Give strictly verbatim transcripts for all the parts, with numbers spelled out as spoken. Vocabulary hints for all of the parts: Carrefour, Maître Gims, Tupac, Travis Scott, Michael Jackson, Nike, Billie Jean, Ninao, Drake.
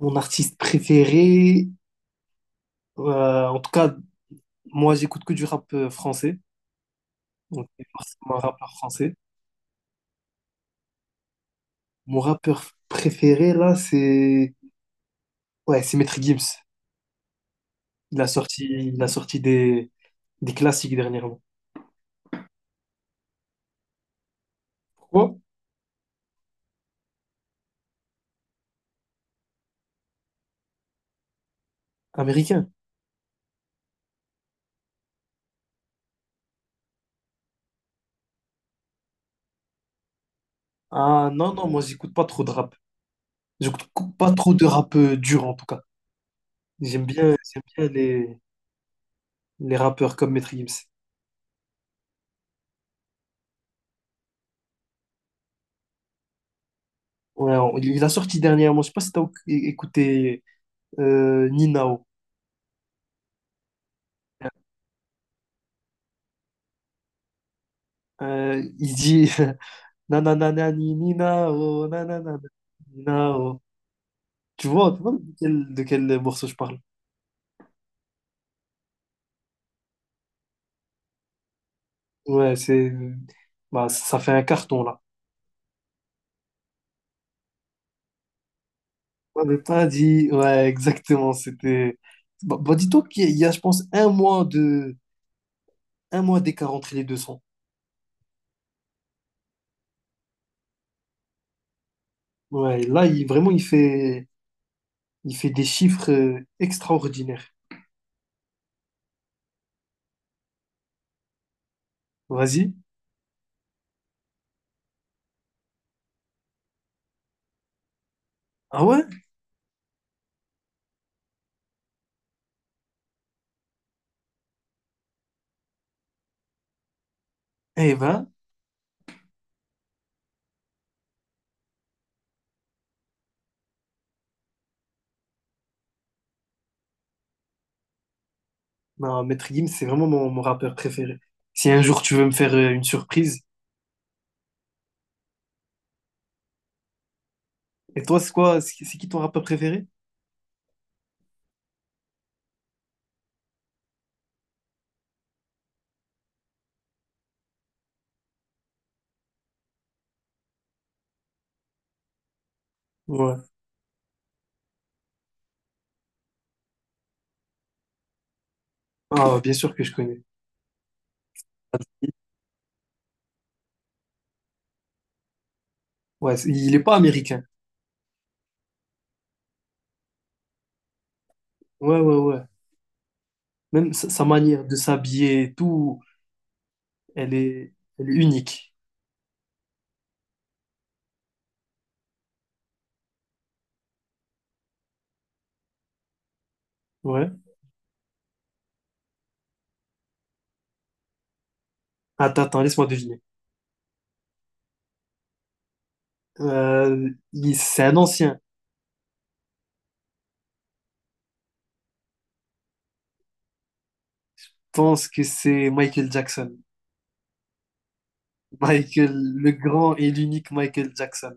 Mon artiste préféré, euh, en tout cas, moi j'écoute que du rap euh, français, donc c'est forcément un rappeur français. Mon rappeur préféré là, c'est ouais, c'est Maître Gims. Il a sorti, il a sorti des, des classiques dernièrement. Pourquoi? Américain. Ah non non, moi j'écoute pas trop de rap. J'écoute cou- pas trop de rap euh, dur en tout cas. J'aime bien, j'aime bien les, les rappeurs comme Maître Gims. Ouais, on- il a sorti dernièrement, je sais pas si t'as écouté euh, Ninao. Euh, il dit na na na na ni ni na oh, na na na na ni na oh. Tu vois, tu vois de quel, de quel morceau je parle? Ouais, c'est bah, ça fait un carton là. On n'avait pas dit, ouais, exactement, c'était bah, bah, dis-toi qu'il y a, je pense, un mois de un mois d'écart entre les deux sons. Ouais, là, il vraiment il fait il fait des chiffres euh, extraordinaires. Vas-y. Ah ouais? Eh ben, non, Maître Gims, c'est vraiment mon, mon rappeur préféré. Si un jour tu veux me faire euh, une surprise, et toi, c'est quoi? C'est c'est qui ton rappeur préféré? Ouais. Ah, bien sûr que je connais. Ouais, c'est- il est pas américain. Ouais, ouais, ouais. Même sa, sa manière de s'habiller et tout, elle est, elle est unique. Ouais. Attends, attends, laisse-moi deviner. Euh, il- c'est un ancien. Je pense que c'est Michael Jackson. Michael, le grand et l'unique Michael Jackson.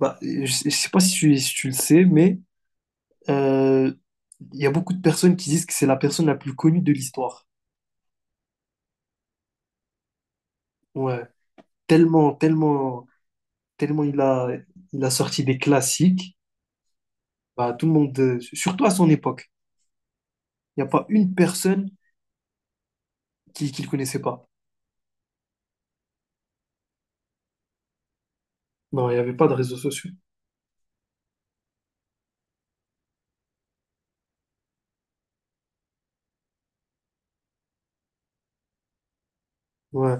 Bah, je, je sais pas si tu, si tu le sais, mais euh, il y a beaucoup de personnes qui disent que c'est la personne la plus connue de l'histoire. Ouais. Tellement, tellement, tellement il a, il a sorti des classiques. Bah, tout le monde, euh, surtout à son époque, il n'y a pas une personne qui ne le connaissait pas. Non, il n'y avait pas de réseaux sociaux. Ouais.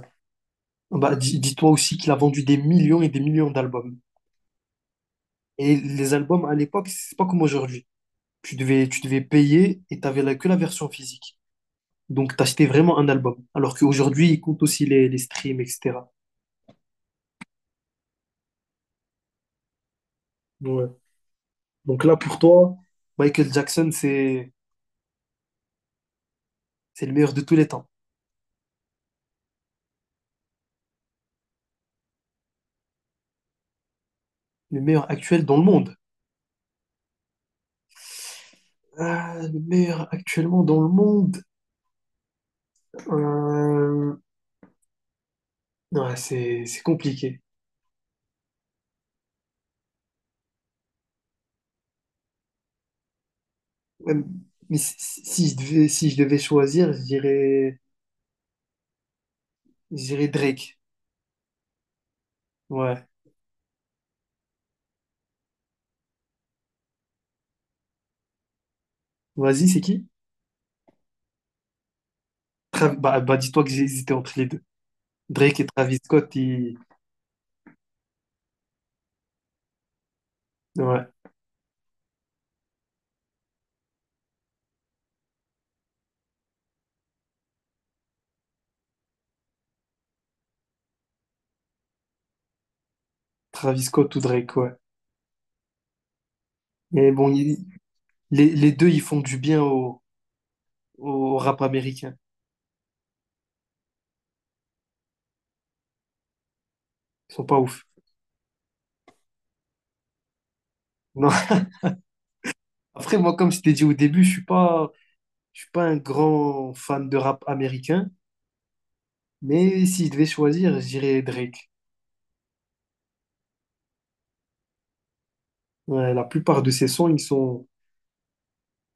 Bah, di- dis-toi aussi qu'il a vendu des millions et des millions d'albums. Et les albums à l'époque, c'est pas comme aujourd'hui. Tu devais, tu devais payer et tu n'avais que la version physique. Donc, tu achetais vraiment un album. Alors qu'aujourd'hui, il compte aussi les, les streams, et cetera. Ouais. Donc là, pour toi, Michael Jackson, c'est, c'est le meilleur de tous les temps. Le meilleur actuel dans le monde. Ah, le meilleur actuellement dans le monde. Euh, Ouais, c'est c'est compliqué. Ouais, mais si, si- si je devais, si je devais choisir, je dirais, je dirais Drake. Ouais. Vas-y, c'est qui? Trav- bah, bah, dis-toi que j'ai hésité entre les deux. Drake et Travis Scott. ils- Ouais. Travis Scott ou Drake, ouais. Mais bon, ils- les, les deux, ils font du bien au, au rap américain. Ils sont pas ouf. Non. Après, moi, comme je t'ai dit au début, je suis pas, je suis pas un grand fan de rap américain. Mais si je devais choisir, je dirais Drake. Ouais, la plupart de ses sons, ils sont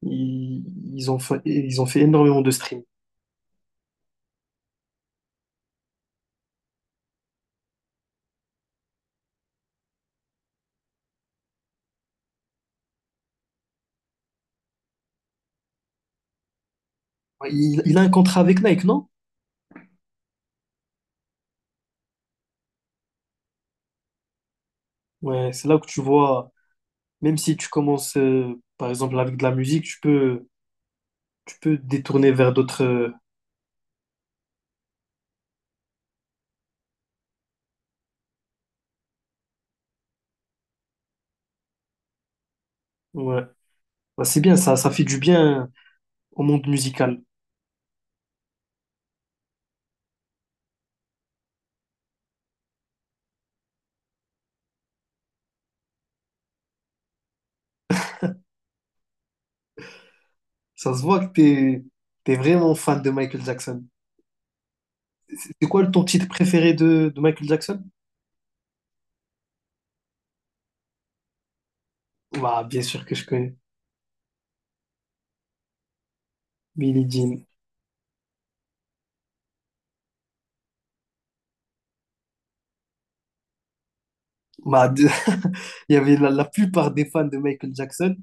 Ils, ils ont fait, ils ont fait énormément de streams. Ouais, Il, il a un contrat avec Nike, non? Ouais, c'est là que tu vois, même si tu commences, euh, par exemple, avec de la musique, tu peux, tu peux détourner vers d'autres. Euh, ouais, bah, c'est bien, ça, ça fait du bien au monde musical. Ça se voit que t'es, t'es vraiment fan de Michael Jackson. C'est c'est quoi ton titre préféré de, de Michael Jackson? Bah, bien sûr que je connais. Billie Jean. Bah, de- Il y avait la, la plupart des fans de Michael Jackson.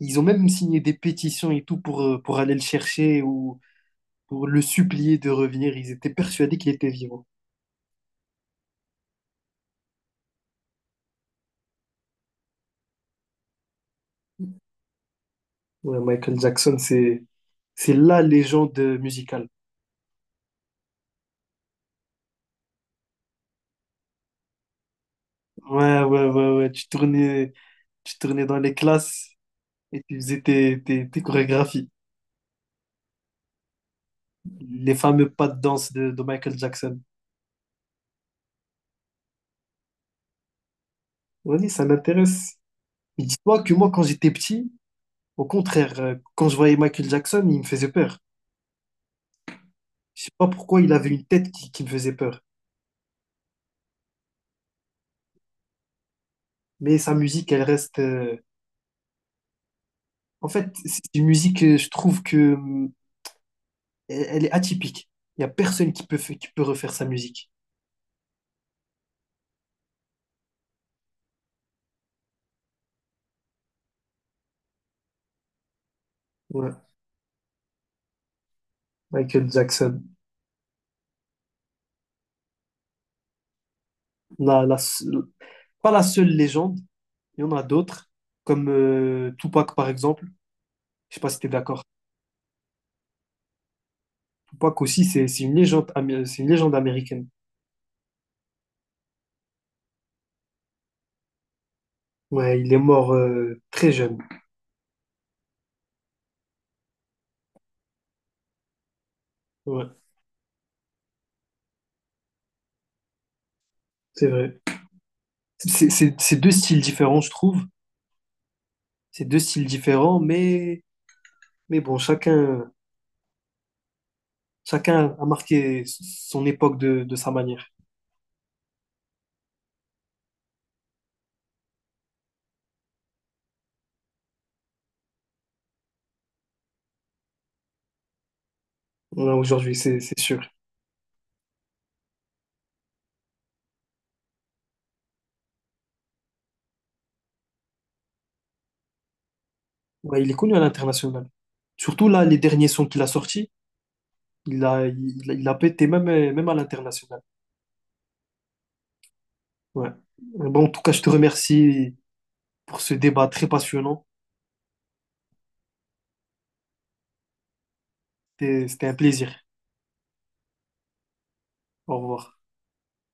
Ils ont même signé des pétitions et tout pour, euh, pour aller le chercher ou pour le supplier de revenir. Ils étaient persuadés qu'il était vivant. Ouais, Michael Jackson, c'est, c'est la légende musicale. Ouais, ouais, ouais, ouais. Tu tournais, tu tournais dans les classes et tu faisais tes, tes, tes chorégraphies. Les fameux pas de danse de, de Michael Jackson. Oui ça m'intéresse. Mais dis-toi que moi, quand j'étais petit, au contraire, euh, quand je voyais Michael Jackson, il me faisait peur. Je sais pas pourquoi il avait une tête qui, qui me faisait peur. Mais sa musique, elle reste, euh, en fait, c'est une musique, euh, je trouve que hum, elle elle est atypique. Il n'y a personne qui peut, fa- qui peut refaire sa musique. Ouais. Michael Jackson. La, la seule- Pas la seule légende, il y en a d'autres, comme euh, Tupac par exemple. Je sais pas si tu es d'accord. Tupac aussi, c'est c'est une légende, amé- c'est une légende américaine. Ouais, il est mort euh, très jeune. Ouais, c'est vrai. C'est c'est- c'est deux styles différents, je trouve. C'est deux styles différents, mais, mais bon, chacun, chacun a marqué son époque de de sa manière. Ouais, aujourd'hui, c'est c'est sûr. Ouais, il est connu à l'international. Surtout là, les derniers sons qu'il a sortis, il a, il, a il a pété même, euh, même à l'international. Ouais. Bon, en tout cas, je te remercie pour ce débat très passionnant. C'était c'était un plaisir. Au revoir.